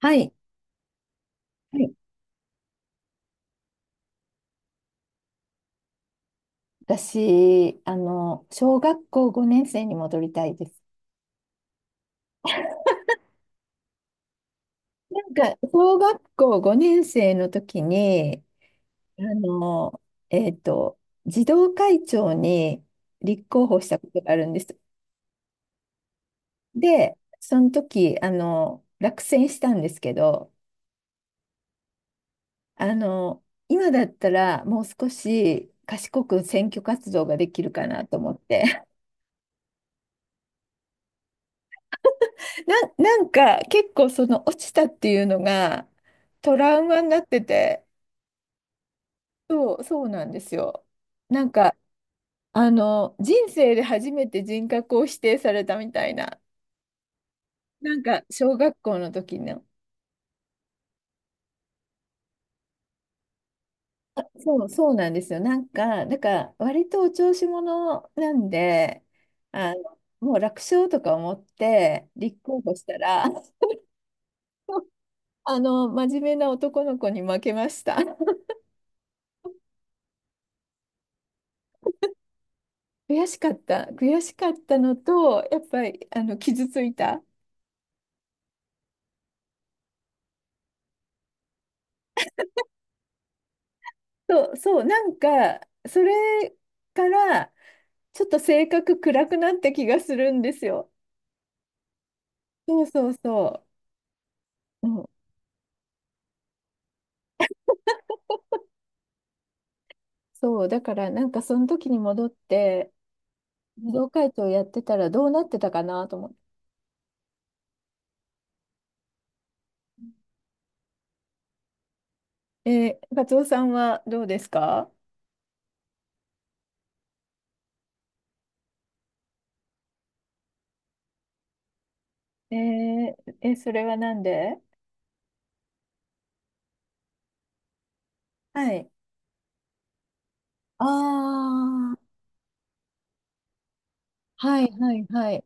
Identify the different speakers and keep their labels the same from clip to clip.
Speaker 1: はい。はい、私、小学校5年生に戻りたいです。なんか、小学校5年生の時に、あの、えっと、児童会長に立候補したことがあるんです。で、その時、落選したんですけど、あの、今だったらもう少し賢く選挙活動ができるかなと思って。な、なんか結構その落ちたっていうのがトラウマになってて、そう、そうなんですよ。なんか、人生で初めて人格を否定されたみたいな、なんか小学校の時の。そう、そうなんですよ。なんから割とお調子者なんで、もう楽勝とか思って立候補したら、真面目な男の子に負けました。悔しかった。悔しかったのと、やっぱり、傷ついた。そう、そう、なんか、それから、ちょっと性格暗くなった気がするんですよ。そうそうそう。うん、そう、だから、なんか、その時に戻って、武道会長やってたらどうなってたかなと思って。カツオさんはどうですか？えー、それはなんで？はい。ああ、はいはいはい。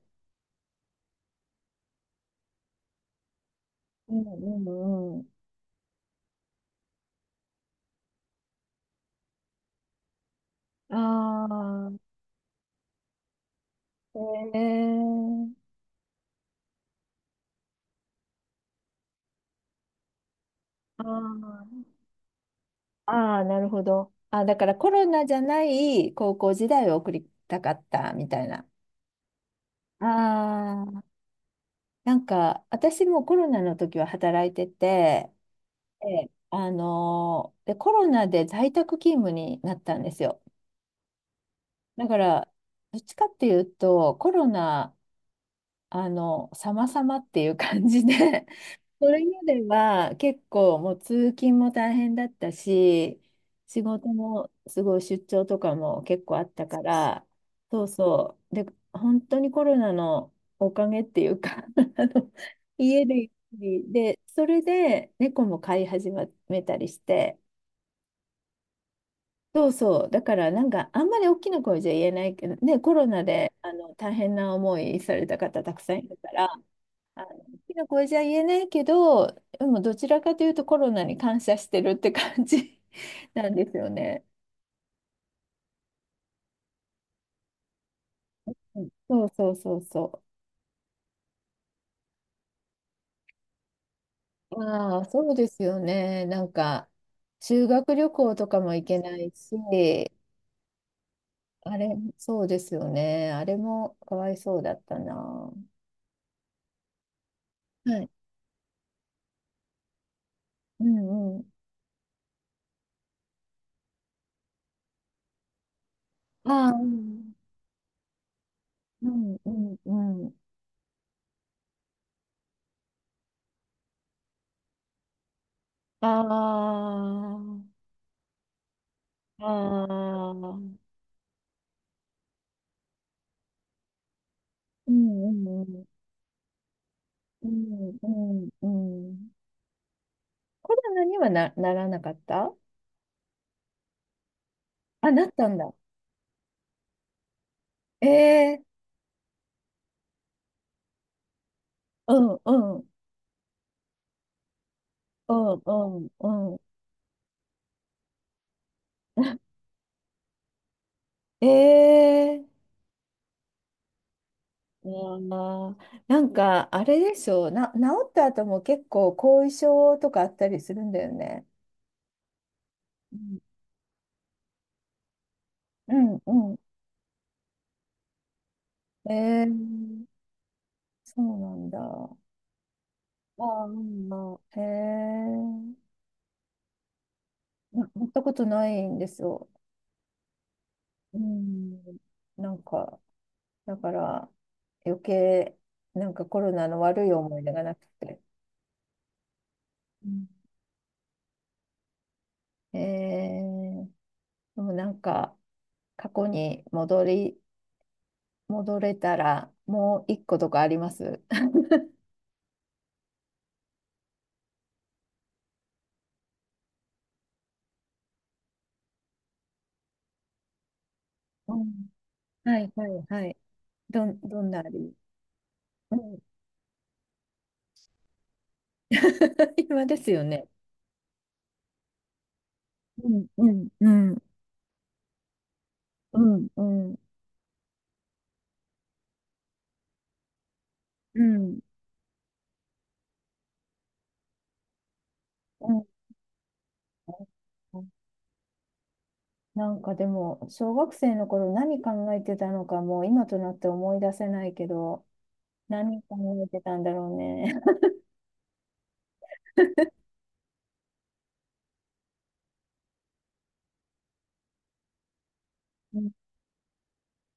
Speaker 1: うんうんうん。ああ。えー、あーああ、なるほど。あ、だからコロナじゃない高校時代を送りたかったみたいな。ああ、なんか私もコロナの時は働いてて、であのーで、コロナで在宅勤務になったんですよ。だから、どっちかっていうと、コロナ、様々っていう感じで それまでは結構もう通勤も大変だったし、仕事もすごい出張とかも結構あったから、そうそう。で、本当にコロナのおかげっていうか あの、家でゆっくり、で、それで猫も飼い始めたりして、そうそう。だからなんかあんまり大きな声じゃ言えないけど、ね、コロナで大変な思いされた方たくさんいるから、あのきの子じゃ言えないけど、でもどちらかというとコロナに感謝してるって感じ なんですよね。うんそうそうそうそう。ああ、そうですよね。なんか、修学旅行とかも行けないし、あれ、そうですよね。あれもかわいそうだったな。はい。うんうん。ああ、うんうんうんうん。ああ、ああ、うんうんうん。うんうんうん。コロナにはならなかった？あ、なったんだ。ええ、うん、うん、うん、うん、うん。ええ、あー、なんか、あれでしょう。治った後も結構後遺症とかあったりするんだよね。うん、うん、うん。ええ、そうなんだ。ああ、うん、まあ、へえ、やったことないんですよ。うん、なんか、だから余計なんかコロナの悪い思い出がなくて。うん、えー、でもなんか過去に戻れたらもう一個とかあります？うん、はいはいはい。どんなあり、うん、今ですよね。うんうんうんうんうんうんうん、なんかでも小学生の頃何考えてたのかもう今となって思い出せないけど、何考えてたんだろうね。うん、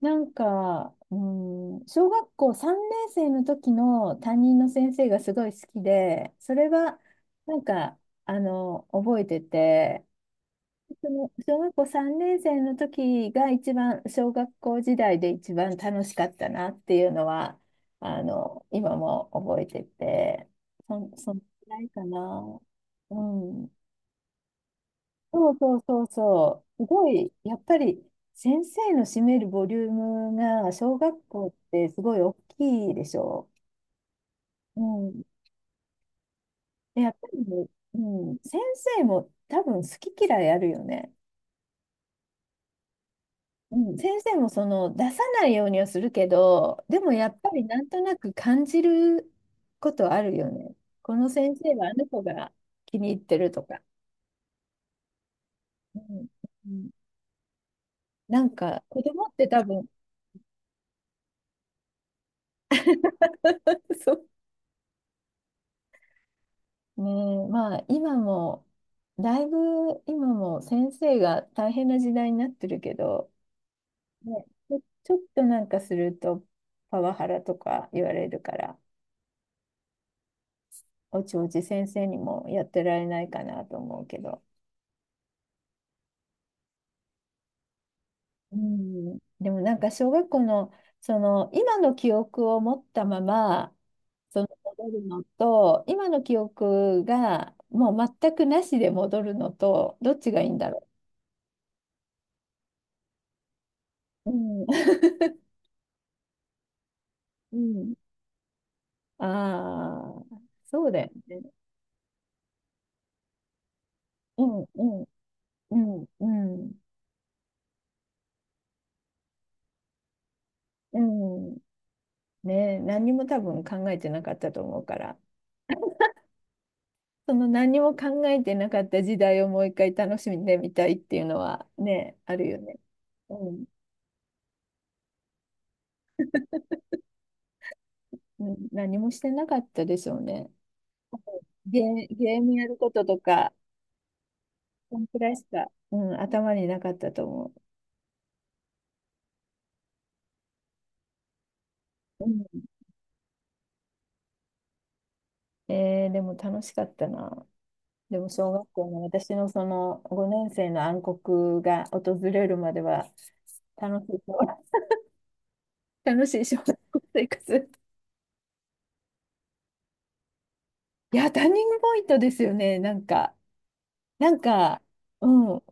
Speaker 1: なんか、うん、小学校3年生の時の担任の先生がすごい好きで、それはなんか、覚えてて、その小学校3年生の時が一番、小学校時代で一番楽しかったなっていうのは、今も覚えてて、そのくらいかな。うん。そうそうそうそう。すごい、やっぱり先生の占めるボリュームが小学校ってすごい大きいでしょう。うん。で、やっぱりね、うん、先生も多分好き嫌いあるよね。うん、先生もその出さないようにはするけど、でもやっぱりなんとなく感じることあるよね。この先生はあの子が気に入ってるとか。うん、うん、なんか子供って多分 そうね、え、まあ今もだいぶ今も先生が大変な時代になってるけど、ね、ちょっとなんかするとパワハラとか言われるから、おちおち先生にもやってられないかなと思うけど、うん、でもなんか小学校のその今の記憶を持ったまま、その戻るのと今の記憶がもう全くなしで戻るのとどっちがいいんだろう。うん、うん、ああ、そうだよね。うん、うん、うん、うん、うん。ねえ、何にも多分考えてなかったと思うから、その何にも考えてなかった時代をもう一回楽しんでみたいっていうのはね、あるよね。うん、うん、何もしてなかったでしょうね。ゲームやることとか、そんくらいしか、うん、頭になかったと思う。うん、でも楽しかったな。でも小学校の私のその5年生の暗黒が訪れるまでは楽しい小、楽しい小学校生活。いや、ターニングポイントですよね。なんか、うん、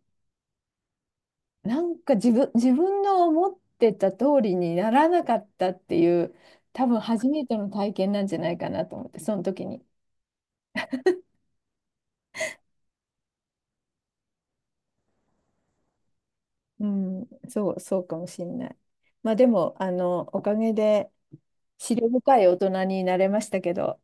Speaker 1: なんか自分の思ってた通りにならなかったっていう、多分初めての体験なんじゃないかなと思って、その時に。うん、そう、そうかもしれない。まあでも、おかげで、思慮深い大人になれましたけど、